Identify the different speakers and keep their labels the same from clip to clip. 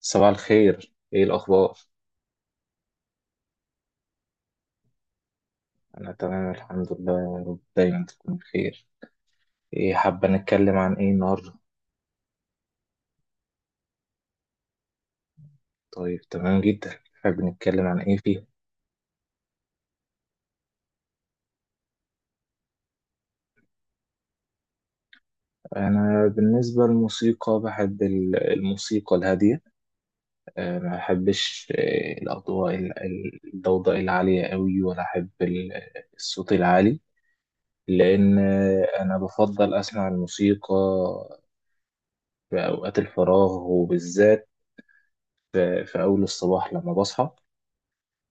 Speaker 1: صباح الخير، ايه الاخبار؟ انا تمام الحمد لله، يا رب دايما تكون بخير. ايه، حابه نتكلم عن ايه النهارده؟ طيب، تمام جدا، حابب نتكلم عن ايه فيه؟ انا بالنسبه للموسيقى بحب الموسيقى الهاديه. ما بحبش، الاضواء، الضوضاء العاليه قوي، ولا احب الصوت العالي. لان انا بفضل اسمع الموسيقى في اوقات الفراغ، وبالذات في اول الصباح لما بصحى.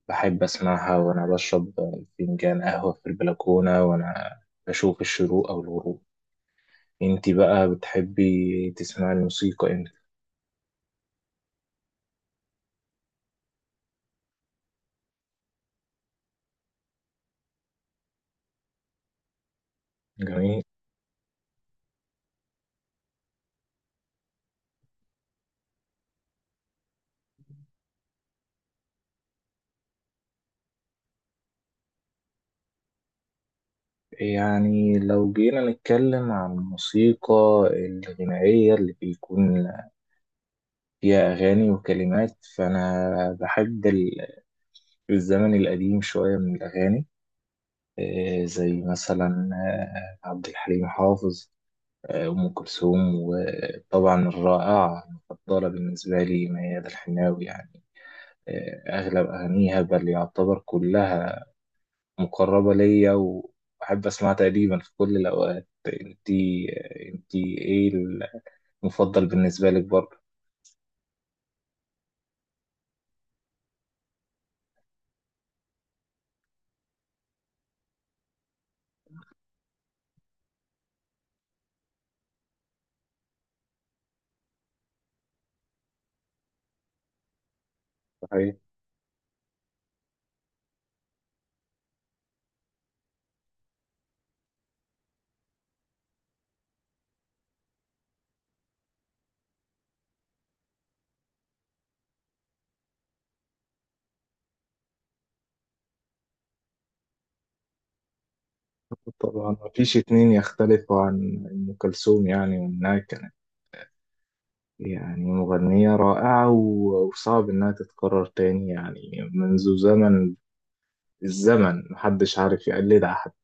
Speaker 1: بحب أسمعها وأنا بشرب فنجان قهوة في البلكونة، وأنا بشوف الشروق أو الغروب. أنتي بقى بتحبي تسمعي الموسيقى إمتى؟ جميل. يعني لو جينا نتكلم عن الموسيقى الغنائية اللي بيكون فيها أغاني وكلمات، فأنا بحب الزمن القديم شوية من الأغاني. إيه زي مثلا عبد الحليم حافظ، أم كلثوم، وطبعا الرائعة المفضلة بالنسبة لي ميادة الحناوي يعني. أغلب أغانيها بل يعتبر كلها مقربة ليا، وأحب أسمعها تقريبا في كل الأوقات. أنتي إيه المفضل بالنسبة لك برضه؟ صحيح. طبعا مفيش اتنين يختلفوا عن أم كلثوم، يعني وإنها كانت يعني مغنية رائعة وصعب إنها تتكرر تاني يعني. منذ زمن، الزمن محدش عارف يقلدها حتى.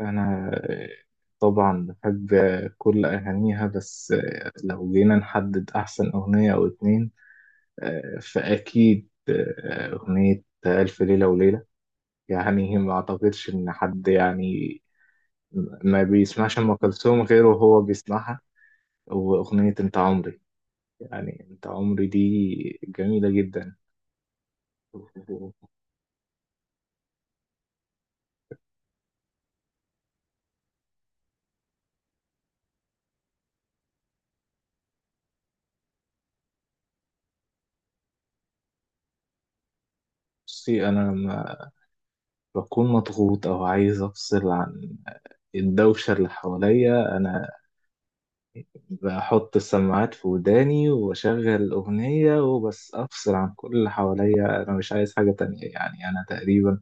Speaker 1: أنا طبعا بحب كل أغانيها، بس لو جينا نحدد أحسن أغنية أو اتنين، فأكيد أغنية ألف ليلة وليلة. يعني ما أعتقدش إن حد يعني ما بيسمعش أم كلثوم غيره وهو بيسمعها. وأغنية أنت عمري، يعني أنت عمري دي جميلة جدا. بصي، أنا لما بكون مضغوط أو عايز أفصل عن الدوشة اللي حواليا، أنا بحط السماعات في وداني وأشغل أغنية، وبس أفصل عن كل اللي حواليا، أنا مش عايز حاجة تانية يعني. أنا تقريبا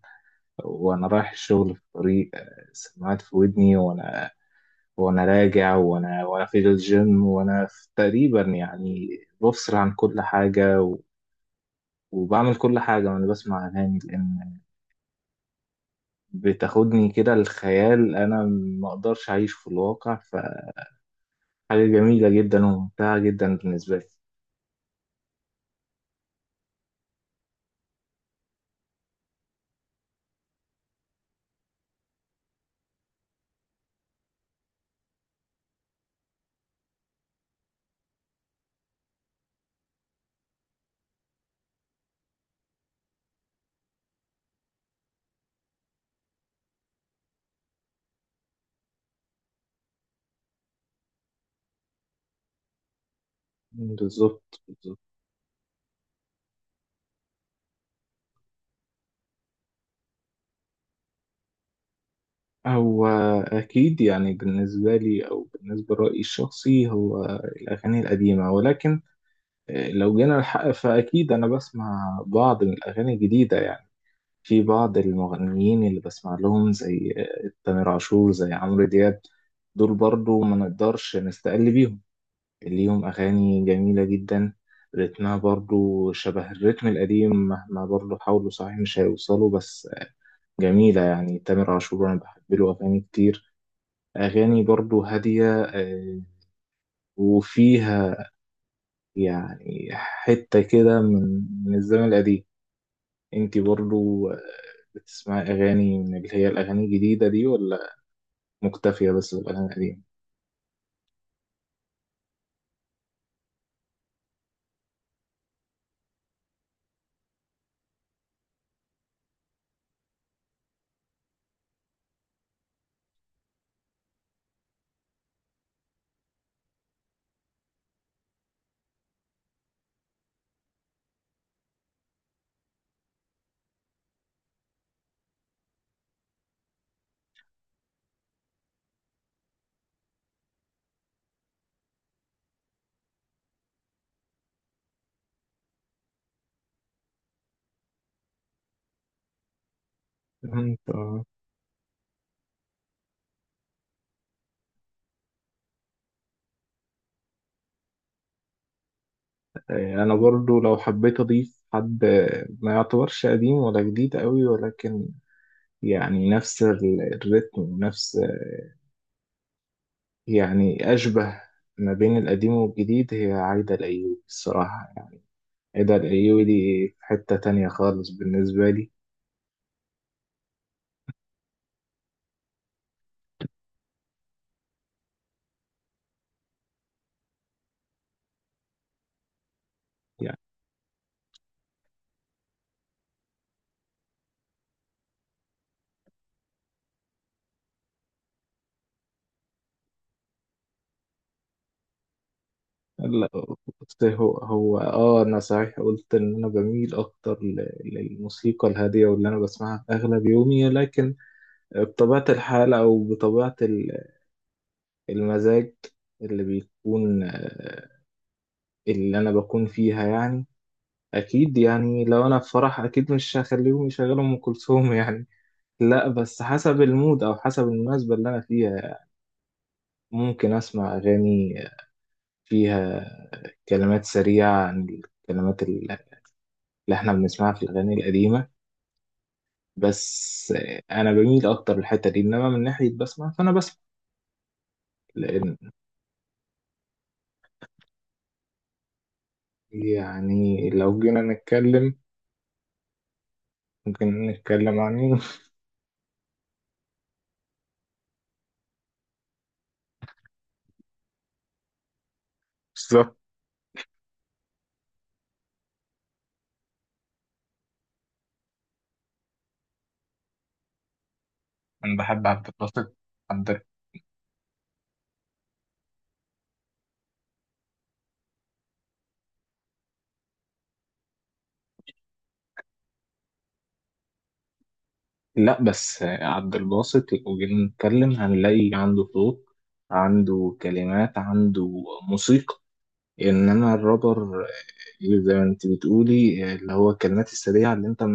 Speaker 1: وأنا رايح الشغل في الطريق، السماعات في ودني، وأنا راجع، وأنا في الجيم، وأنا في تقريبا يعني بفصل عن كل حاجة وبعمل كل حاجة وأنا بسمع أغاني، لأن بتاخدني كده الخيال. أنا مقدرش أعيش في الواقع، فحاجة جميلة جدا وممتعة جدا بالنسبة لي. بالظبط بالظبط. هو أكيد يعني بالنسبة لي أو بالنسبة لرأيي الشخصي هو الأغاني القديمة، ولكن لو جينا الحق فأكيد أنا بسمع بعض من الأغاني الجديدة يعني. في بعض المغنيين اللي بسمع لهم، زي تامر عاشور، زي عمرو دياب، دول برضو ما نقدرش نستقل بيهم. ليهم أغاني جميلة جدا، رتمها برضو شبه الرتم القديم، مهما برضو حاولوا صحيح مش هيوصلوا، بس جميلة يعني. تامر عاشور أنا بحب له أغاني كتير، أغاني برضو هادية، وفيها يعني حتة كده من الزمن القديم. انتي برضو بتسمعي أغاني من اللي هي الأغاني الجديدة دي، ولا مكتفية بس بالأغاني القديمة؟ انت- أنا برضو لو حبيت أضيف حد، ما يعتبرش قديم ولا جديد قوي، ولكن يعني نفس الريتم ونفس، يعني أشبه ما بين القديم والجديد، هي عايدة الأيوبي الصراحة. ايه ده، الايوبي دي في حتة تانية خالص بالنسبة لي يعني. لا، بس هو انا صحيح قلت ان انا بميل اكتر للموسيقى الهادية واللي انا بسمعها في اغلب يومي، لكن بطبيعة الحال او بطبيعة المزاج اللي بيكون، اللي انا بكون فيها يعني، اكيد يعني لو انا في فرح اكيد مش هخليهم يشغلوا ام كلثوم يعني. لا، بس حسب المود او حسب المناسبة اللي انا فيها يعني. ممكن اسمع اغاني فيها كلمات سريعة عن الكلمات اللي احنا بنسمعها في الأغاني القديمة، بس أنا بميل أكتر للحتة دي، إنما من ناحية بسمع فأنا بسمع لأن، يعني لو جينا نتكلم ممكن نتكلم عن مين. بالظبط. أنا بحب عبد الباسط. عبد لا، بس عبد الباسط لو جينا نتكلم هنلاقي عنده صوت، عنده كلمات، عنده موسيقى. إنما الرابر زي ما أنت بتقولي اللي هو الكلمات السريعة اللي أنت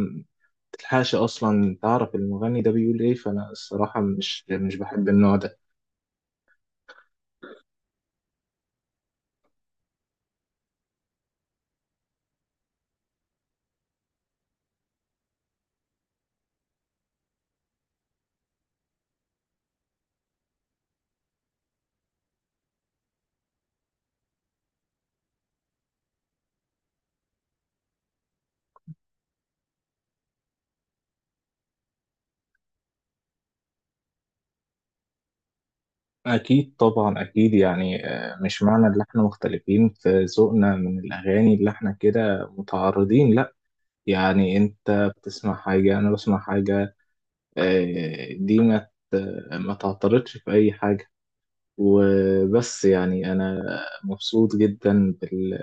Speaker 1: تلحقش اصلا تعرف المغني ده بيقول ايه، فانا الصراحه مش بحب النوع ده. اكيد طبعا اكيد يعني، مش معنى ان احنا مختلفين في ذوقنا من الاغاني اللي احنا كده متعارضين، لا. يعني انت بتسمع حاجه، انا بسمع حاجه، دي ما تعترضش في اي حاجه وبس يعني. انا مبسوط جدا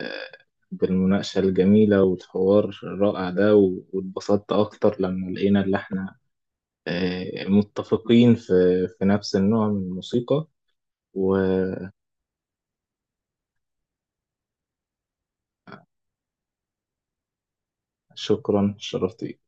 Speaker 1: بالمناقشه الجميله والحوار الرائع ده، واتبسطت اكتر لما لقينا اللي احنا متفقين في نفس النوع من الموسيقى. وشكرا، شرفت بيك.